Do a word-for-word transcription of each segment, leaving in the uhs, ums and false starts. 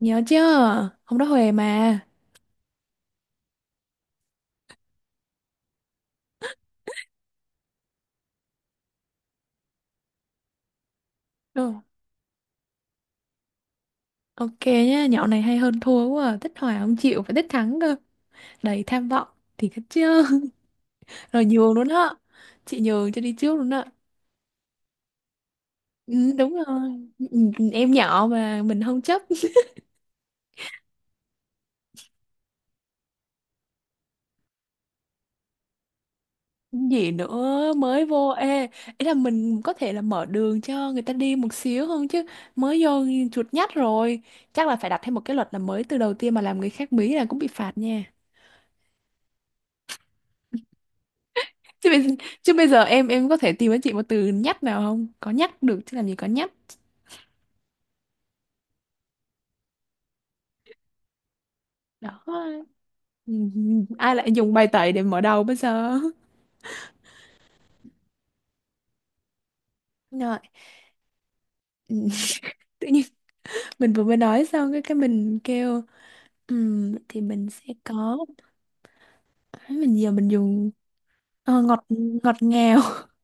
Nhớ chứ, hôm đó Huề mà. Ừ, ok nhá, nhậu này hay hơn thua quá à. Thích hòa không chịu, phải thích thắng cơ. Đầy tham vọng, thì thích chứ. Rồi nhường luôn á. Chị nhường cho đi trước luôn á. Ừ, đúng rồi. Ừ, ừ, em nhỏ mà, mình không chấp. Gì nữa, mới vô. Ê, ý là mình có thể là mở đường cho người ta đi một xíu không chứ. Mới vô chuột nhắt rồi. Chắc là phải đặt thêm một cái luật là mới từ đầu tiên mà làm người khác bí là cũng bị phạt nha. chứ bây, Chứ bây giờ em em có thể tìm cho chị một từ nhắc nào không, có nhắc được chứ làm gì có nhắc. Đó. Ừ, ai lại dùng bài tẩy để mở đầu bây giờ. Rồi. Ừ, tự nhiên mình vừa mới nói xong cái cái mình kêu "Ừm, vậy thì mình sẽ có, mình giờ mình dùng ờ, ngọt, ngọt ngào".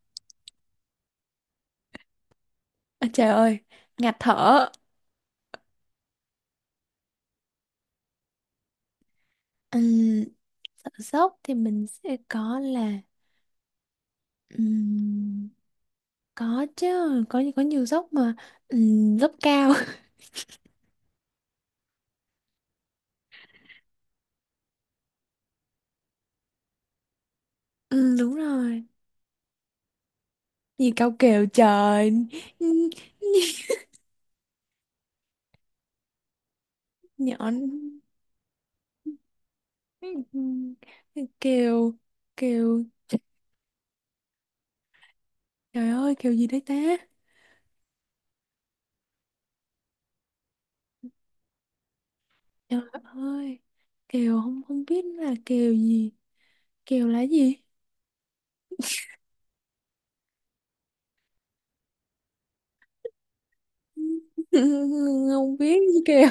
À, trời ơi, ngạt thở. Ừm, Sợ dốc thì mình sẽ có là ừm, có chứ, có có nhiều dốc mà. Ừm, dốc cao. Ừ, đúng rồi. Gì cao kèo trời. Nhỏ. Kèo. Kèo. Trời ơi kèo gì đấy ta. Trời ơi. Kèo không không biết là kèo gì. Kèo là gì? Không biết gì kèo.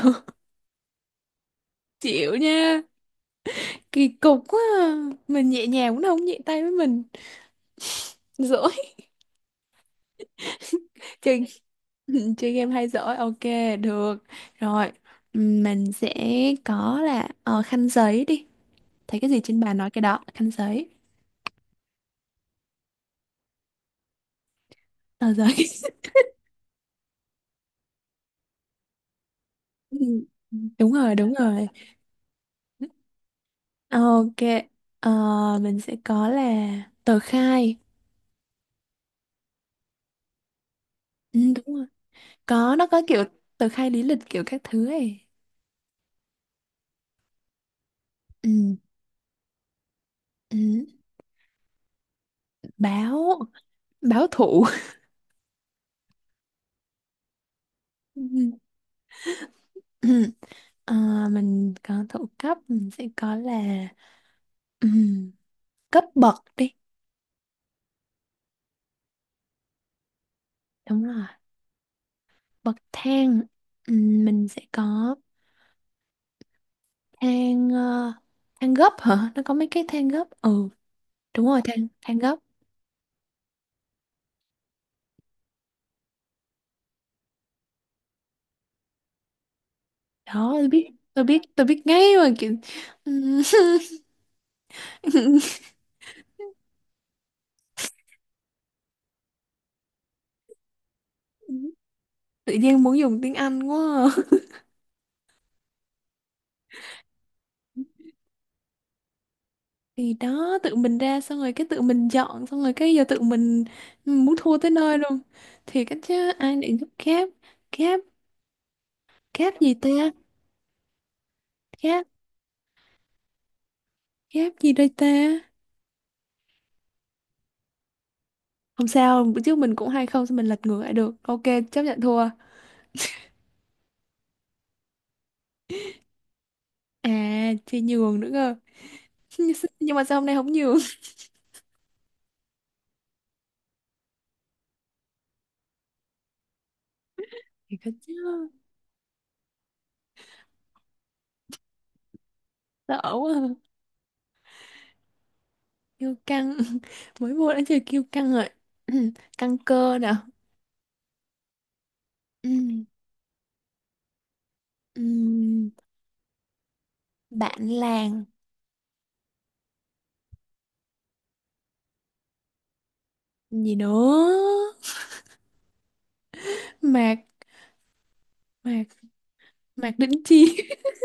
Chịu nha. Kỳ cục quá à. Mình nhẹ nhàng cũng không nhẹ tay với mình. Dỗ. Chơi. Chơi game hay giỏi, ok. Được rồi, ừm, mình sẽ có là ờ, khăn giấy đi, thấy cái gì trên bàn nói cái đó, khăn giấy. Tờ giấy. Ừm, đúng rồi, đúng rồi. Ờ, ok, ờ, mình sẽ có là tờ khai. Ừm, đúng rồi, có, nó có kiểu tờ khai lý lịch kiểu các thứ ấy. Ừm, ừm, Báo. Báo thủ. Ừm, ừm. Ờ, mình có thủ cấp, mình sẽ có là ừ, cấp bậc đi. Đúng rồi. Bậc thang. Ừm, mình sẽ có thang, ờ, thang gấp hả, nó có mấy cái thang gấp, ừ đúng rồi, thang, thang gấp. Đó tôi biết, tôi biết, tôi biết ngay mà, kiểu ừm, tự nhiên muốn dùng tiếng Anh quá à. Thì đó, tự mình ra xong rồi cái tự mình dọn xong rồi cái giờ tự mình muốn thua tới nơi luôn, thì cái chứ ai định giúp. Kép. Kép. Kép gì ta? Kép. Kép gì đây ta? Không sao, bữa trước mình cũng hai không, sao mình lật ngược lại được. Ok, chấp nhận thua. À, thì nhường nữa cơ. Nhưng mà sao hôm nay không nhường? Thì có chứ, sợ quá à. Kiêu căng. Mới vô đã chơi kiêu căng rồi. Căng cơ nè. Ừm, ừm, Bạn làng. Gì nữa? Mạc, mạc, mạc đỉnh chi.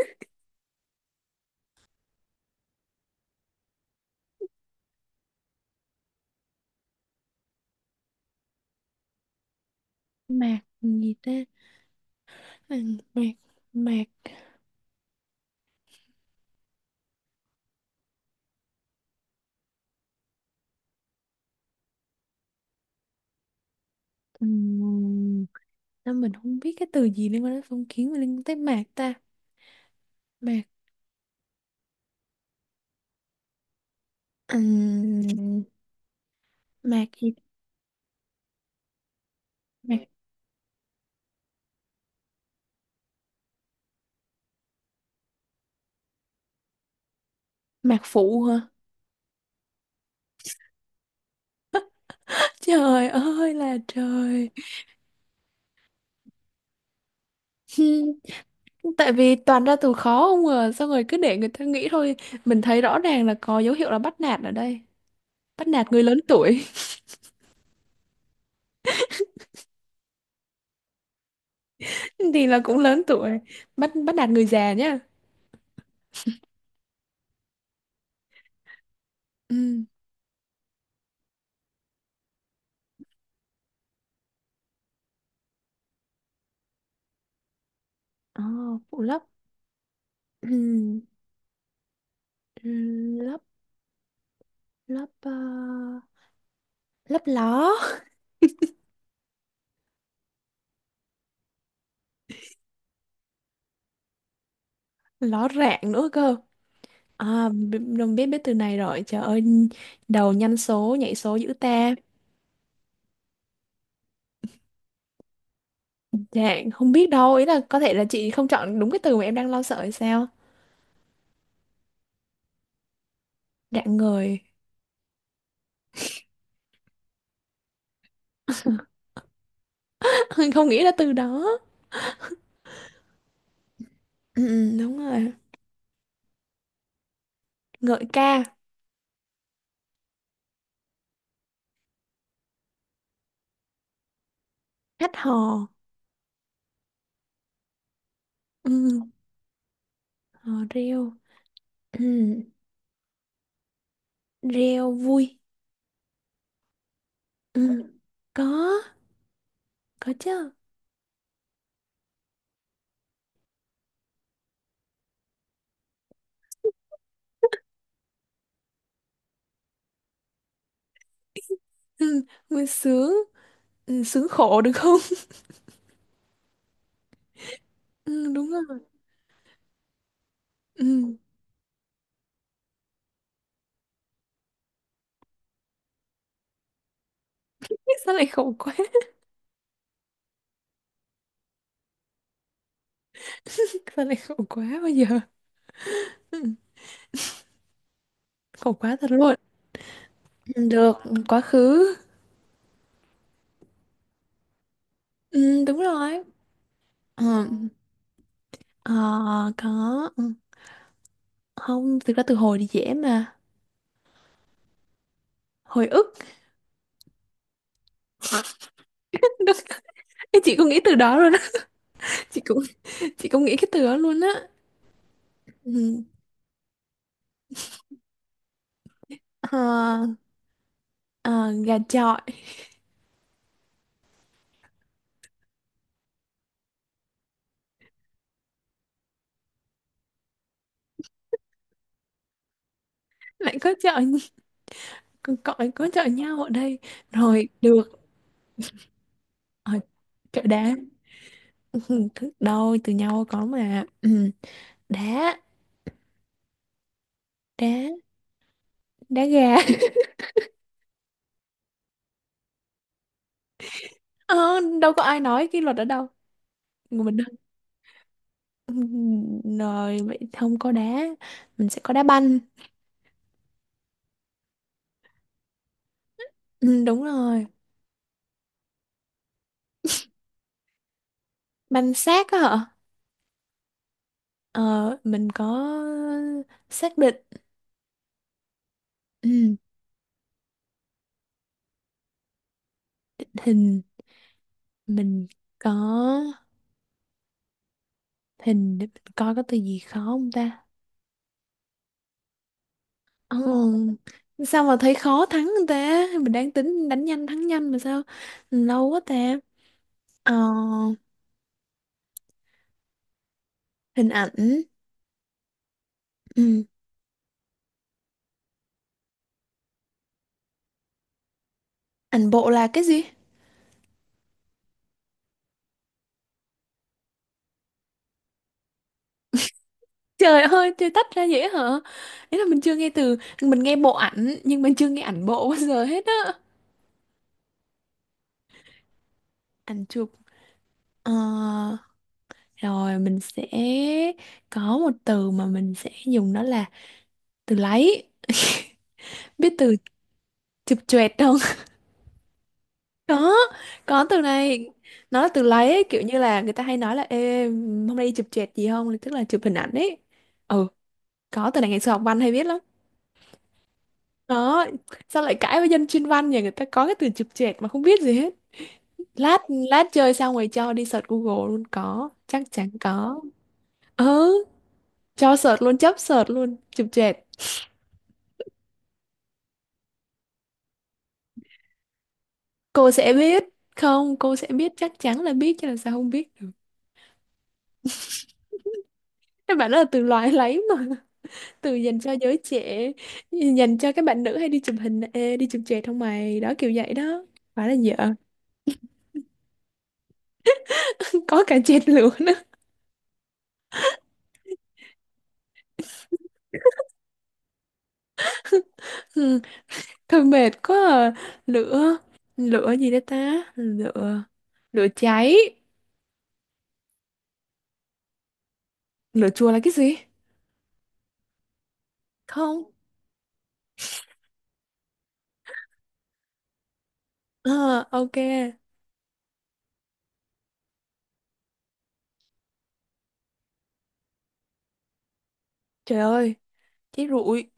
Mạc gì ta? Mạc, mạc, mạc. Ừm, Sao mình không biết cái từ gì liên quan đến phong kiến mà liên quan tới mạc ta. Mạc. Ừm, Mạc gì, mạc, mạc phụ hả? Trời ơi là trời. Hmm, tại vì toàn ra từ khó không à, xong rồi cứ để người ta nghĩ thôi, mình thấy rõ ràng là có dấu hiệu là bắt nạt ở đây, bắt nạt người lớn tuổi. Thì là cũng lớn tuổi, bắt bắt nạt người già nhá. Ừ. Ờ, phụ lấp. Ừm, ừm, lấp, lấp, ờ, lấp ló. Ló rạng nữa cơ. À, bi- đồng biết biết từ này rồi trời ơi. Đầu nhanh, số nhảy số dữ ta. Dạ, không biết đâu, ý là có thể là chị không chọn đúng cái từ mà em đang lo sợ hay sao? Rạng ngời. Không nghĩ là từ đó. Ừ, ừ, đúng rồi. Ngợi ca, hát hò. Ừ, hò reo. Ừ, reo vui. Ừ, có, có chứ. Ừ, vui sướng. Ừ, sướng khổ được không? Ừ, đúng rồi. Ừ, sao lại khổ quá? Sao lại khổ quá bây giờ? Ừ, khổ quá thật luôn. Ừ, được, quá khứ. Ừ, đúng rồi. Ừ. Ờ, có. Ừ. Không, thực ra từ hồi thì dễ mà, hồi ức. Ê, chị cũng nghĩ từ đó luôn á, chị cũng chị cũng nghĩ cái từ đó luôn á. Ừ. Ờ, ờ, gà chọi. Lại có chọi, còn cọi, có chọi nhau ở đây, rồi được. Ờ, chọi đá. Ừ, thứ- đâu từ nhau có mà, ừ. Đá. Đá. Đá gà. Ờ, đâu có ai nói cái luật ở đâu. Người mình đâu. Ừ, rồi vậy không có đá, mình sẽ có đá banh. Ừ, đúng rồi. Banh xác á hả? Ờ, mình có xác định. Ừ, hình. Mình có hình để mình coi có từ gì khó không ta? Ờ, sao mà thấy khó thắng người ta? Mình đang tính đánh nhanh thắng nhanh mà sao? Lâu quá ta. Ờ, hình ảnh. Ừ. Ảnh bộ là cái gì? Trời ơi, chơi tách ra vậy hả? Ý là mình chưa nghe từ, mình nghe bộ ảnh nhưng mình chưa nghe ảnh bộ bao giờ hết á. Ảnh chụp. Ờ. Rồi mình sẽ có một từ mà mình sẽ dùng đó là từ lấy. Biết từ chụp choẹt không? Có, có từ này. Nó là từ lấy ấy, kiểu như là người ta hay nói là ê, hôm nay đi chụp choẹt gì không? Tức là chụp hình ảnh ấy. Ừ, có từ này ngày xưa học văn hay biết lắm. Đó, sao lại cãi với dân chuyên văn nhỉ? Người ta có cái từ chụp choẹt mà không biết gì hết. Lát lát chơi xong rồi cho đi search Google luôn có, chắc chắn có. Ừ, cho search luôn, chấp search luôn, chụp choẹt. Cô sẽ biết, không, cô sẽ biết, chắc chắn là biết chứ làm sao không biết được. Các bạn đó là từ loài lấy mà. Từ dành cho giới trẻ, dành cho các bạn nữ hay đi chụp hình, ê, đi chụp chẹt không mày, đó kiểu vậy đó. Phải là vợ. Có cả chẹt lửa nữa. Ừ. Thôi mệt quá à. Lửa. Lửa gì đó ta, lửa lửa cháy. Lửa chùa là cái gì? Không. Ờ, ok. Trời ơi, cháy rụi.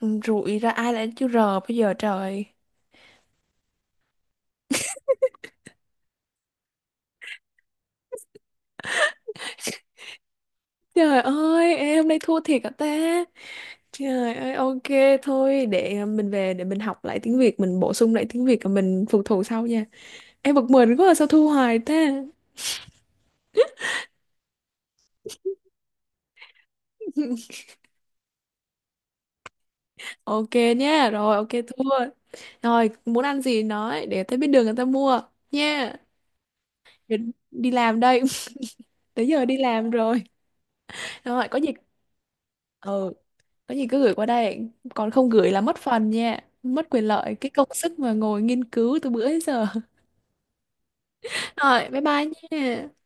Ừ, rụi ra ai lại chữ r bây giờ trời. Trời ơi, em hôm nay thua thiệt hả ta? Trời ơi, ok, thôi để à, mình về để mình học lại tiếng Việt, mình bổ sung lại tiếng Việt và mình phục thù sau nha. Em bực mình quá à, sao thua hoài ta. Ok nha, rồi ok thua. Rồi, muốn ăn gì nói để tới bên đường người ta mua nha. Đi, đi làm đây, tới giờ đi làm rồi. Rồi, có gì ừ, có gì cứ gửi qua đây, còn không gửi là mất phần nha, mất quyền lợi cái công sức mà ngồi nghiên cứu từ bữa đến giờ. Rồi, bye bye nha.